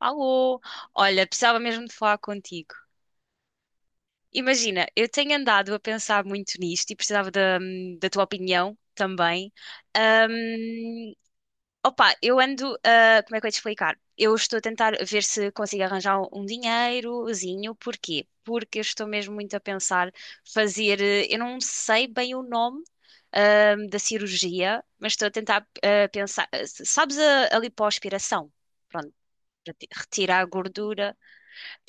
Alô, olha, precisava mesmo de falar contigo. Imagina, eu tenho andado a pensar muito nisto e precisava da tua opinião também. Ahm, Opa, eu ando, como é que eu ia te explicar? Eu estou a tentar ver se consigo arranjar um dinheirozinho. Porquê? Porque eu estou mesmo muito a pensar fazer, eu não sei bem o nome, da cirurgia, mas estou a tentar, pensar. Sabes a lipoaspiração? Pronto, retirar a gordura.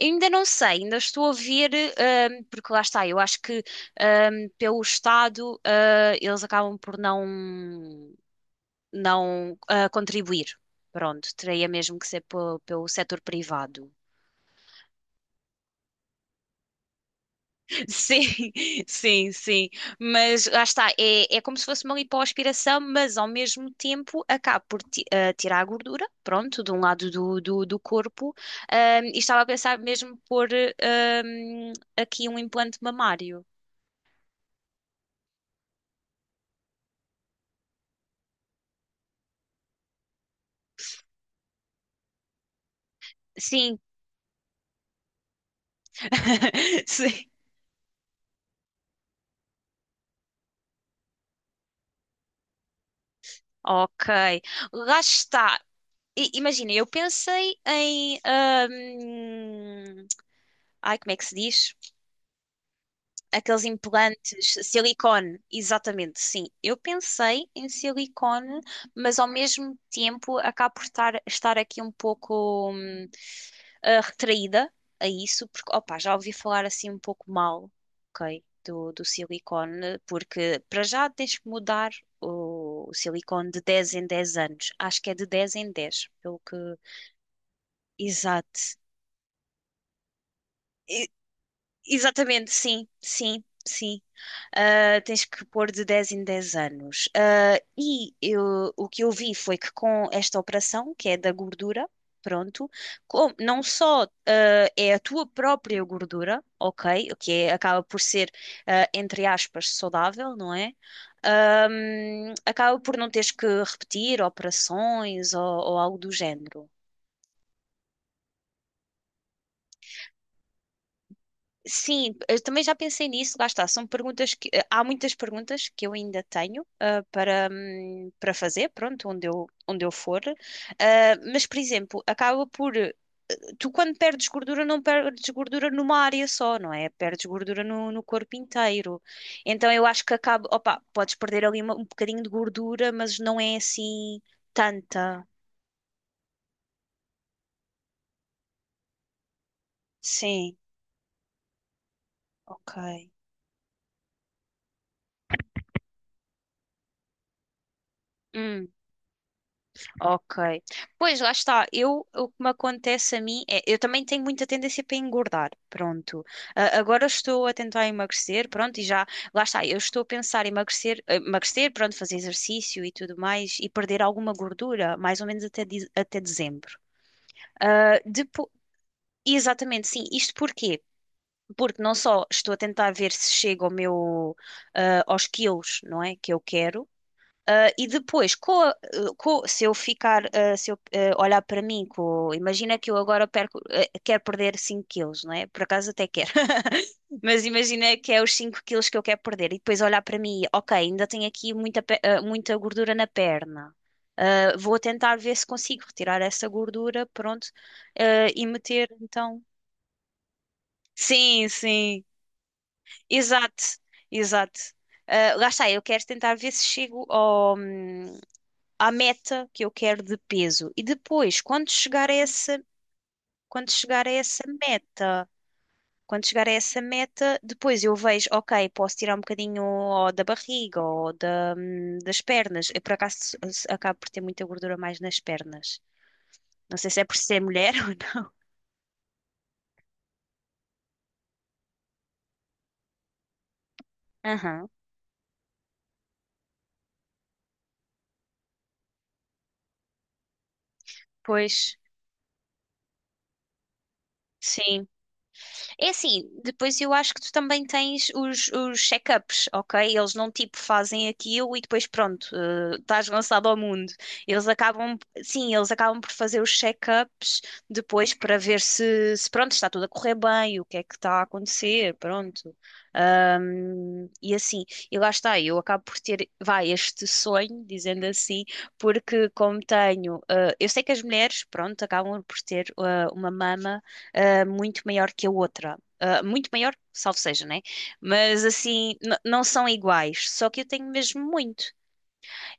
Ainda não sei, ainda estou a ver, porque lá está, eu acho que pelo Estado eles acabam por não, não contribuir. Pronto, teria mesmo que ser pelo setor privado. Sim, sim, sim. Mas lá está, é como se fosse uma lipoaspiração, mas ao mesmo tempo acaba por tirar a gordura, pronto, de um lado do corpo. E estava a pensar mesmo por aqui um implante mamário. Sim, sim. Ok, lá está. Imagina, eu pensei em, ai, como é que se diz? Aqueles implantes silicone, exatamente, sim. Eu pensei em silicone, mas ao mesmo tempo acabo por estar aqui um pouco, retraída a isso, porque, opá, já ouvi falar assim um pouco mal, ok, do silicone, porque para já tens que mudar o silicone de 10 em 10 anos. Acho que é de 10 em 10 pelo que. Exato. E- exatamente, sim, sim, sim. Tens que pôr de 10 em 10 anos. Ah, o que eu vi foi que com esta operação, que é da gordura, pronto, não só é a tua própria gordura, ok, acaba por ser, entre aspas, saudável, não é? Acaba por não teres que repetir operações ou algo do género. Sim, eu também já pensei nisso, lá está. São perguntas que há muitas perguntas que eu ainda tenho para, para fazer, pronto, onde eu for. Ah, mas, por exemplo, acaba por tu quando perdes gordura, não perdes gordura numa área só, não é? Perdes gordura no corpo inteiro. Então eu acho que acaba, opa, podes perder ali um bocadinho de gordura, mas não é assim tanta. Sim, ok. Hum. Ok. Pois, lá está. Eu, o que me acontece a mim é, eu também tenho muita tendência para engordar. Pronto. Ah, agora estou a tentar emagrecer, pronto, e já, lá está. Eu estou a pensar em emagrecer, pronto, fazer exercício e tudo mais e perder alguma gordura, mais ou menos até, até dezembro. Ah, Exatamente, sim. Isto porquê? Porque não só estou a tentar ver se chego ao meu, aos quilos, não é? Que eu quero. Ah, e depois, se eu ficar, se eu olhar para mim, imagina que eu agora quero perder 5 quilos, não é? Por acaso até quero. Mas imagina que é os 5 quilos que eu quero perder. E depois olhar para mim, ok, ainda tenho aqui muita gordura na perna. Ah, vou tentar ver se consigo retirar essa gordura, pronto, e meter, então. Sim, sim, exato, exato. Ah, lá está, eu quero tentar ver se chego ao, à meta que eu quero de peso. E depois, quando chegar a essa meta, quando chegar a essa meta, depois eu vejo, ok, posso tirar um bocadinho da barriga ou das pernas. Eu, por acaso, acabo por ter muita gordura mais nas pernas. Não sei se é por ser mulher ou não. Aham, pois, sim. É assim, depois eu acho que tu também tens os check-ups, ok? Eles não tipo fazem aquilo e depois pronto, estás lançado ao mundo. Eles acabam, sim, eles acabam por fazer os check-ups depois para ver se pronto, está tudo a correr bem, o que é que está a acontecer, pronto. E assim, e lá está, eu acabo por ter, vai, este sonho, dizendo assim, porque como tenho, eu sei que as mulheres, pronto, acabam por ter uma mama muito maior que a outra. Ah, muito maior, salvo seja, né? Mas assim, não são iguais, só que eu tenho mesmo muito.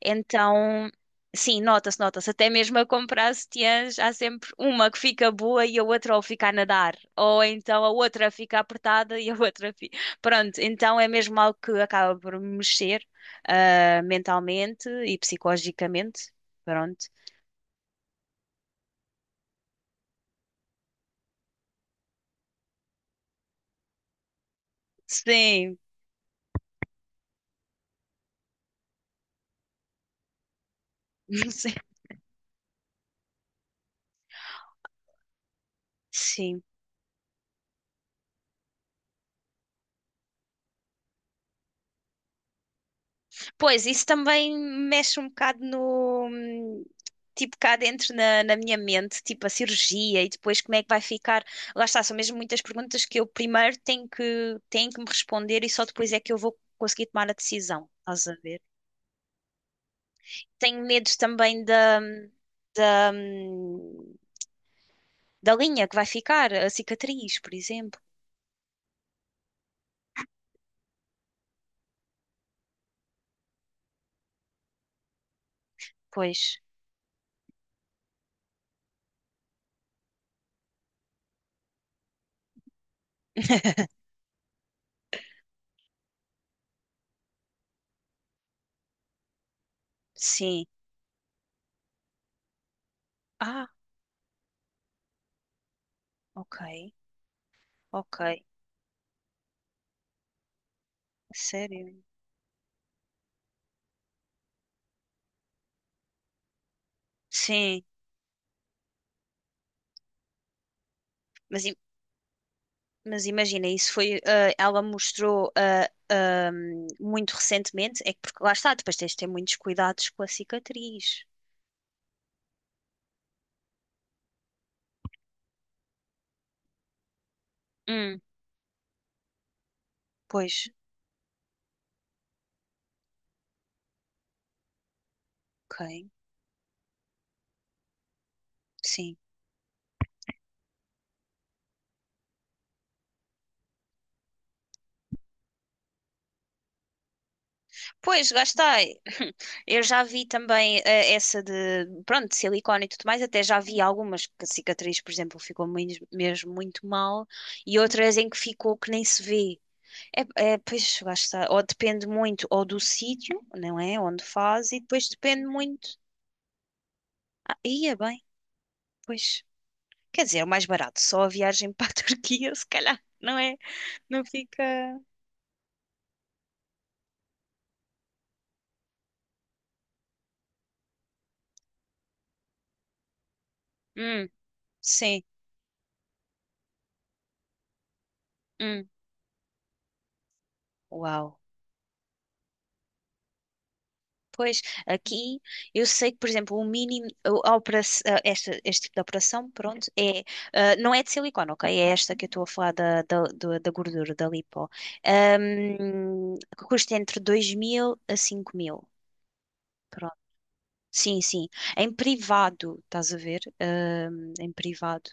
Então, sim, nota-se, nota-se. Até mesmo a comprar sutiãs, há sempre uma que fica boa e a outra ou fica a nadar, ou então a outra fica apertada e a outra fica. Pronto, então é mesmo algo que acaba por me mexer, mentalmente e psicologicamente. Pronto. Sim, sim. Pois, isso também mexe um bocado no, tipo, cá dentro na minha mente, tipo a cirurgia e depois como é que vai ficar. Lá está, são mesmo muitas perguntas que eu primeiro tenho que me responder e só depois é que eu vou conseguir tomar a decisão. Estás a ver? Tenho medo também da, hum, da linha que vai ficar, a cicatriz, por exemplo. Pois, sim. Ah, ok, ok. Sério? Sim. Mas Mas imagina, isso foi, ela mostrou muito recentemente, é que porque lá está, depois tens de ter muitos cuidados com a cicatriz. Hum, Pois, ok, sim. Pois, lá está. Eu já vi também essa de, pronto, de silicone e tudo mais, até já vi algumas que a cicatriz, por exemplo, ficou mesmo muito mal e outras em que ficou que nem se vê. É, é, pois, lá está. Ou depende muito ou do sítio, não é? Onde faz e depois depende muito. Ah, ia bem. Pois, quer dizer, é o mais barato, só a viagem para a Turquia, se calhar, não é? Não fica. Hum, sim, hum, uau. Pois, aqui eu sei que, por exemplo, o mínimo, a operação, este tipo de operação, pronto, não é de silicone, ok? É esta que eu estou a falar da gordura, da lipo, que custa entre 2.000 a 5.000. Sim, sim. Em privado, estás a ver? Em privado.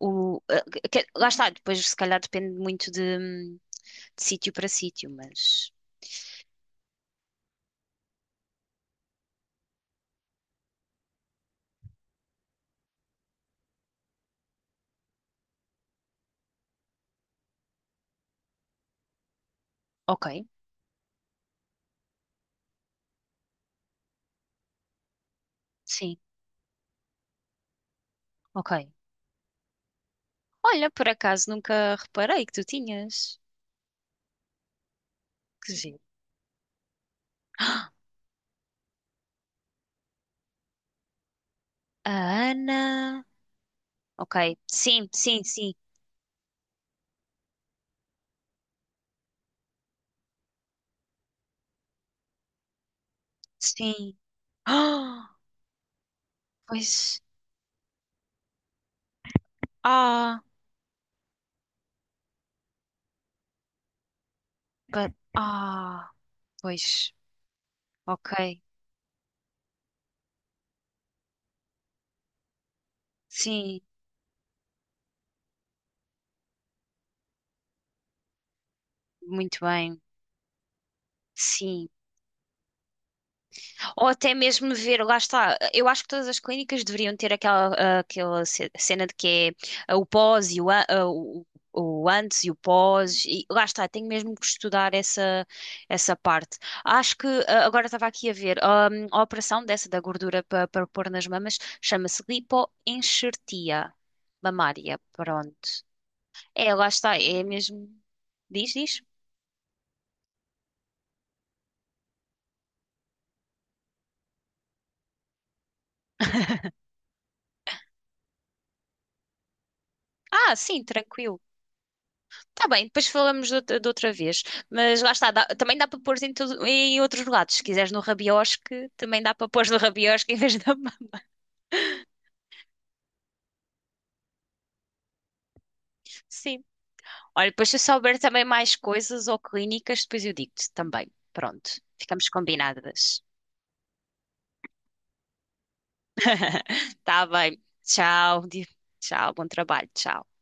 O, ah, Lá está, depois se calhar depende muito de sítio para sítio, mas. Ok, sim, ok. Olha, por acaso nunca reparei que tu tinhas. Que giro. Ah, a Ana. Ok, sim, sim, sim, sim. Ah, pois. Ah, pa- ah, pois. Ok, sim, muito bem. Sim. Ou até mesmo ver, lá está, eu acho que todas as clínicas deveriam ter aquela cena de que é o pós e o antes e o pós, e lá está, tenho mesmo que estudar essa parte. Acho que, agora estava aqui a ver, a operação dessa da gordura para pôr nas mamas chama-se lipoenxertia mamária, pronto. É, lá está, é mesmo, diz, diz. Ah, sim, tranquilo. Tá bem, depois falamos de outra vez. Mas lá está, também dá para pôr em outros lados. Se quiseres no rabiosque, também dá para pôr no rabiosque em vez da mão. Sim. Olha, depois se eu souber também mais coisas ou clínicas, depois eu digo-te também. Pronto, ficamos combinadas. Tá bem. Tchau. Tchau, bom trabalho. Tchau.